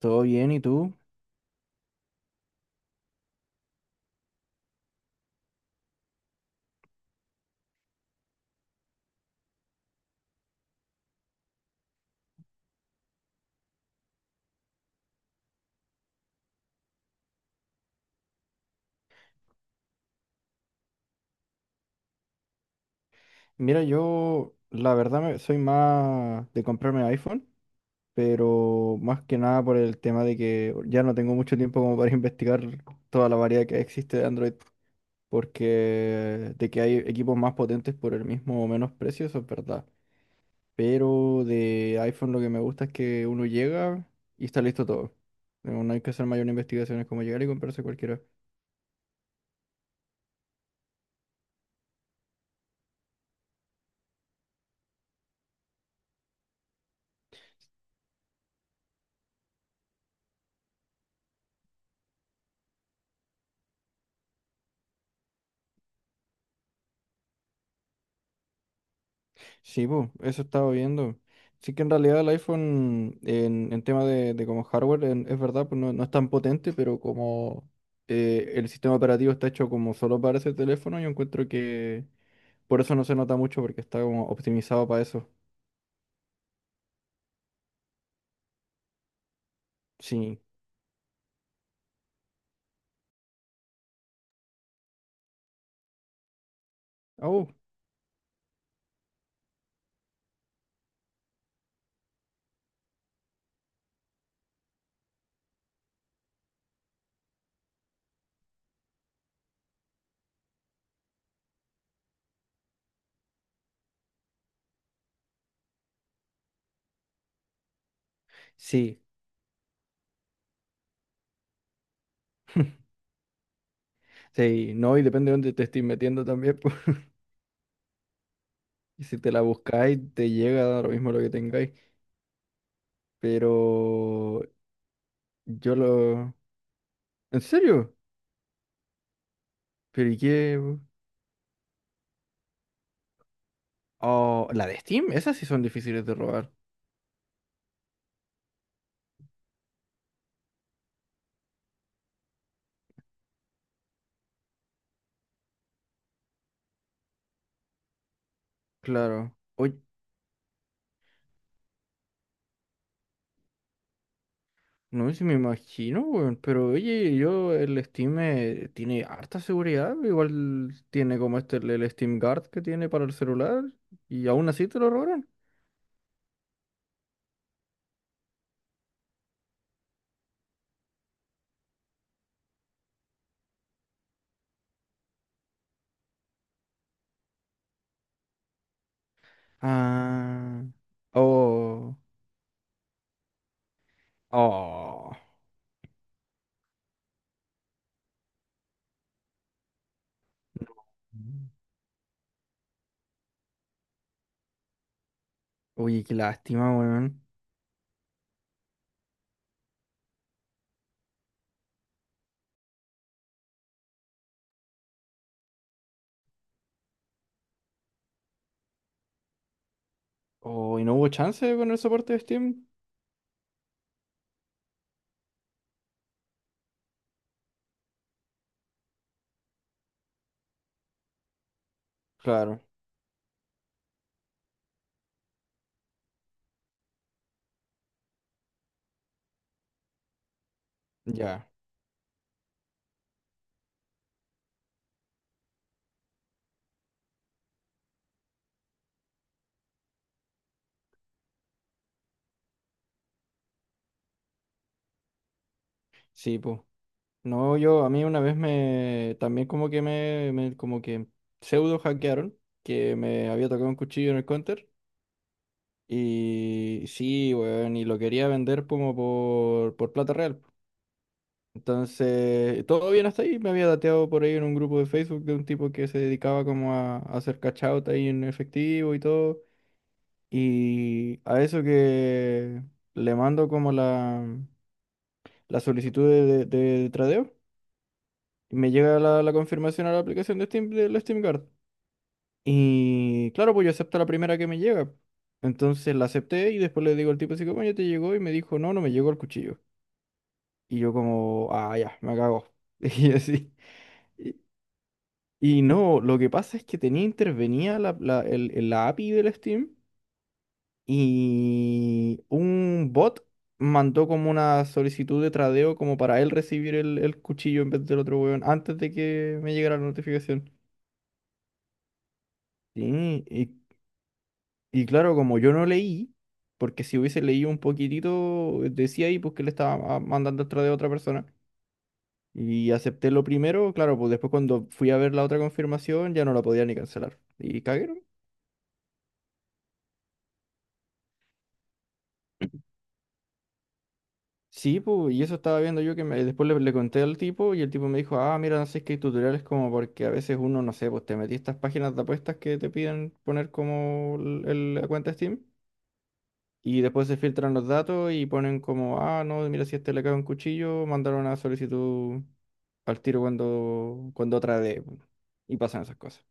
Todo bien, ¿y tú? Mira, yo la verdad soy más de comprarme iPhone, pero más que nada por el tema de que ya no tengo mucho tiempo como para investigar toda la variedad que existe de Android, porque de que hay equipos más potentes por el mismo o menos precio, eso es verdad. Pero de iPhone lo que me gusta es que uno llega y está listo todo. No hay que hacer mayor investigaciones como llegar y comprarse cualquiera. Sí, pues, eso estaba viendo. Sí que en realidad el iPhone en tema de como hardware, es verdad, pues no, no es tan potente, pero como el sistema operativo está hecho como solo para ese teléfono, yo encuentro que por eso no se nota mucho, porque está como optimizado para eso. Sí. Oh, sí, sí, no, y depende de dónde te estés metiendo también, pues, y si te la buscáis, te llega da lo mismo lo que tengáis. Pero yo lo... ¿En serio? ¿Pero y qué? Oh, la de Steam, esas sí son difíciles de robar, claro. Oye, no sé si me imagino, weón, pero oye, yo el Steam tiene harta seguridad, igual tiene como este el Steam Guard que tiene para el celular y aún así te lo robaron. Ah, oh, oh. Oye, qué lástima, weón. Oh, ¿y no hubo chance con el soporte de Steam? Claro, ya. Sí, pues. No, yo, a mí una vez me, también como que me, como que pseudo hackearon, que me había tocado un cuchillo en el counter, y sí, weón, y lo quería vender como por plata real. Entonces, todo bien hasta ahí, me había dateado por ahí en un grupo de Facebook de un tipo que se dedicaba como a hacer cash out ahí en efectivo y todo, y a eso que le mando como la solicitud de tradeo. Y me llega la confirmación a la aplicación de Steam, de la Steam Card. Y claro, pues yo acepto la primera que me llega. Entonces la acepté y después le digo al tipo así como, ya te llegó y me dijo, no, no me llegó el cuchillo. Y yo como, ah, ya, me cago. Y así. Y, y no, lo que pasa es que tenía intervenía la API del Steam y un bot mandó como una solicitud de tradeo como para él recibir el cuchillo en vez del otro weón antes de que me llegara la notificación. Sí, y claro, como yo no leí, porque si hubiese leído un poquitito, decía ahí pues que le estaba mandando el de otra persona. Y acepté lo primero, claro, pues después cuando fui a ver la otra confirmación ya no la podía ni cancelar. Y cagué, ¿no? Sí, pues, y eso estaba viendo yo que después le conté al tipo y el tipo me dijo, ah, mira, no sé, es que hay tutoriales como porque a veces uno, no sé, pues te metí a estas páginas de apuestas que te piden poner como la cuenta Steam. Y después se filtran los datos y ponen como, ah, no, mira, si a este le cae un cuchillo, mandaron una solicitud al tiro cuando, cuando otra de... Y pasan esas cosas.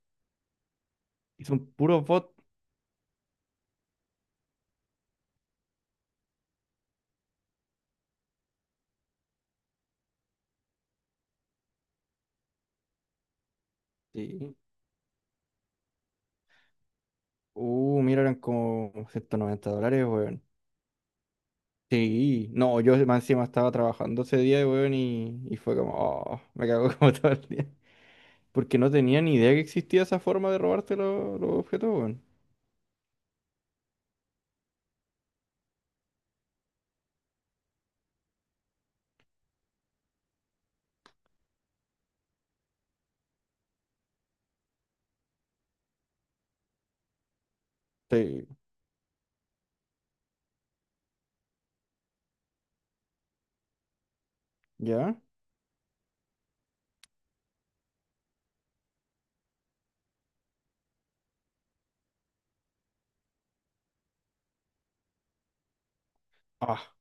Y son puros bots. Sí. Mira, eran como $190, weón. Sí, no, yo más encima estaba trabajando ese día, weón, y fue como, oh, me cago como todo el día. Porque no tenía ni idea que existía esa forma de robarte los objetos, weón. Sí, ¿ya? Ah,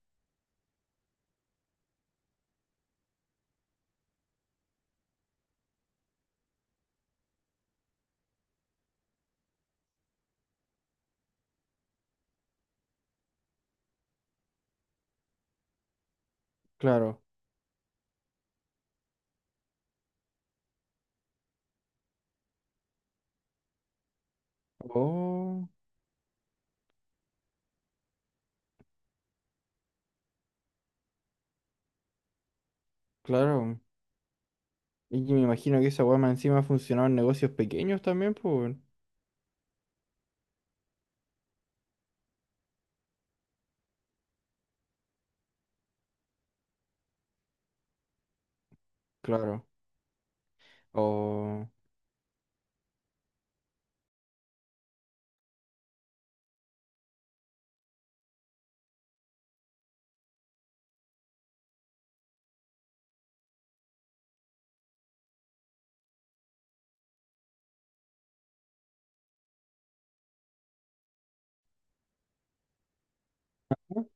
claro. Oh, claro. Y que me imagino que esa weá más encima funcionaba en negocios pequeños también, pues, weón. Claro. O...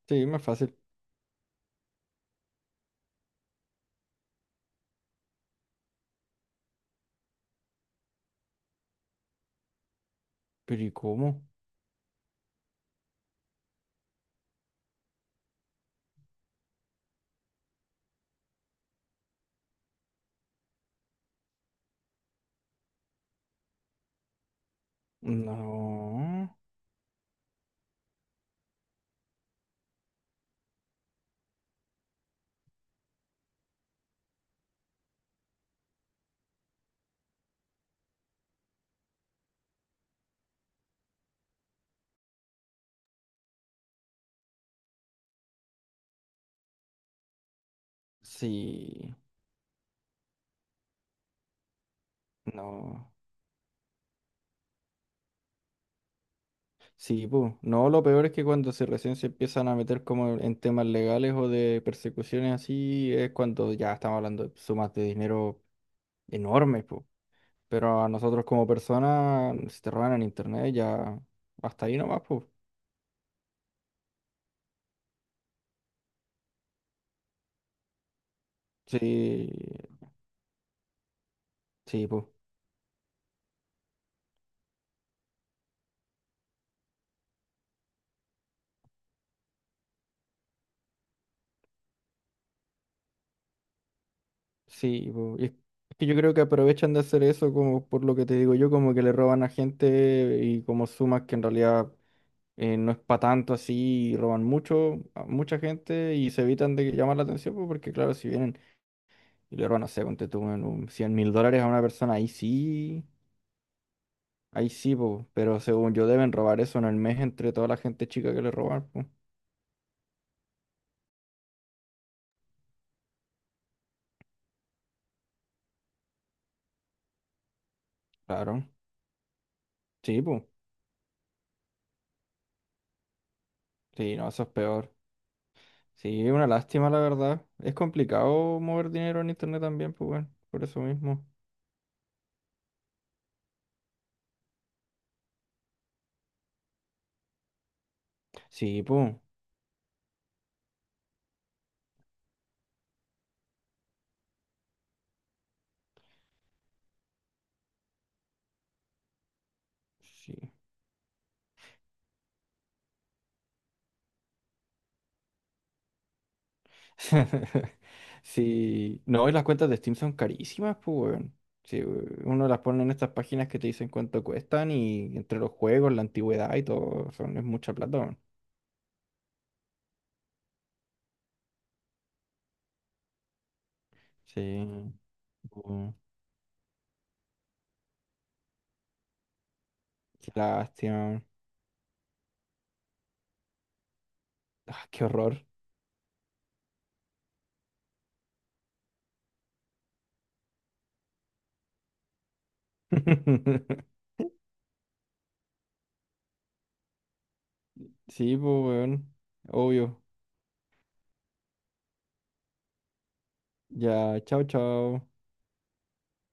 Sí, más fácil. Pero ¿y cómo? No. Sí. No. Sí, pues. No, lo peor es que cuando se recién se empiezan a meter como en temas legales o de persecuciones así, es cuando ya estamos hablando de sumas de dinero enormes, pues. Pero a nosotros como personas, si te roban en internet, ya hasta ahí nomás, pues. Sí, sí, pues. Sí, po, y es que yo creo que aprovechan de hacer eso como por lo que te digo yo, como que le roban a gente y como sumas que en realidad no es para tanto así, y roban mucho, a mucha gente y se evitan de llamar la atención, pues, porque claro, si vienen y le roban, no sé, ponte tú en un 1000 dólares a una persona, ahí sí, po, pero según yo deben robar eso en el mes entre toda la gente chica que le roban, pues, claro, sí, pues, sí, no, eso es peor. Sí, una lástima, la verdad. Es complicado mover dinero en internet también, pues bueno, por eso mismo. Sí, pues. Sí. Sí. No, y las cuentas de Steam son carísimas, pues bueno. Sí, we- uno las pone en estas páginas que te dicen cuánto cuestan y entre los juegos, la antigüedad y todo, son, es mucha plata, weón. Sí. Pues, qué lástima. Ah, qué horror. Sí, pues bueno. Obvio. Ya, chao, chao.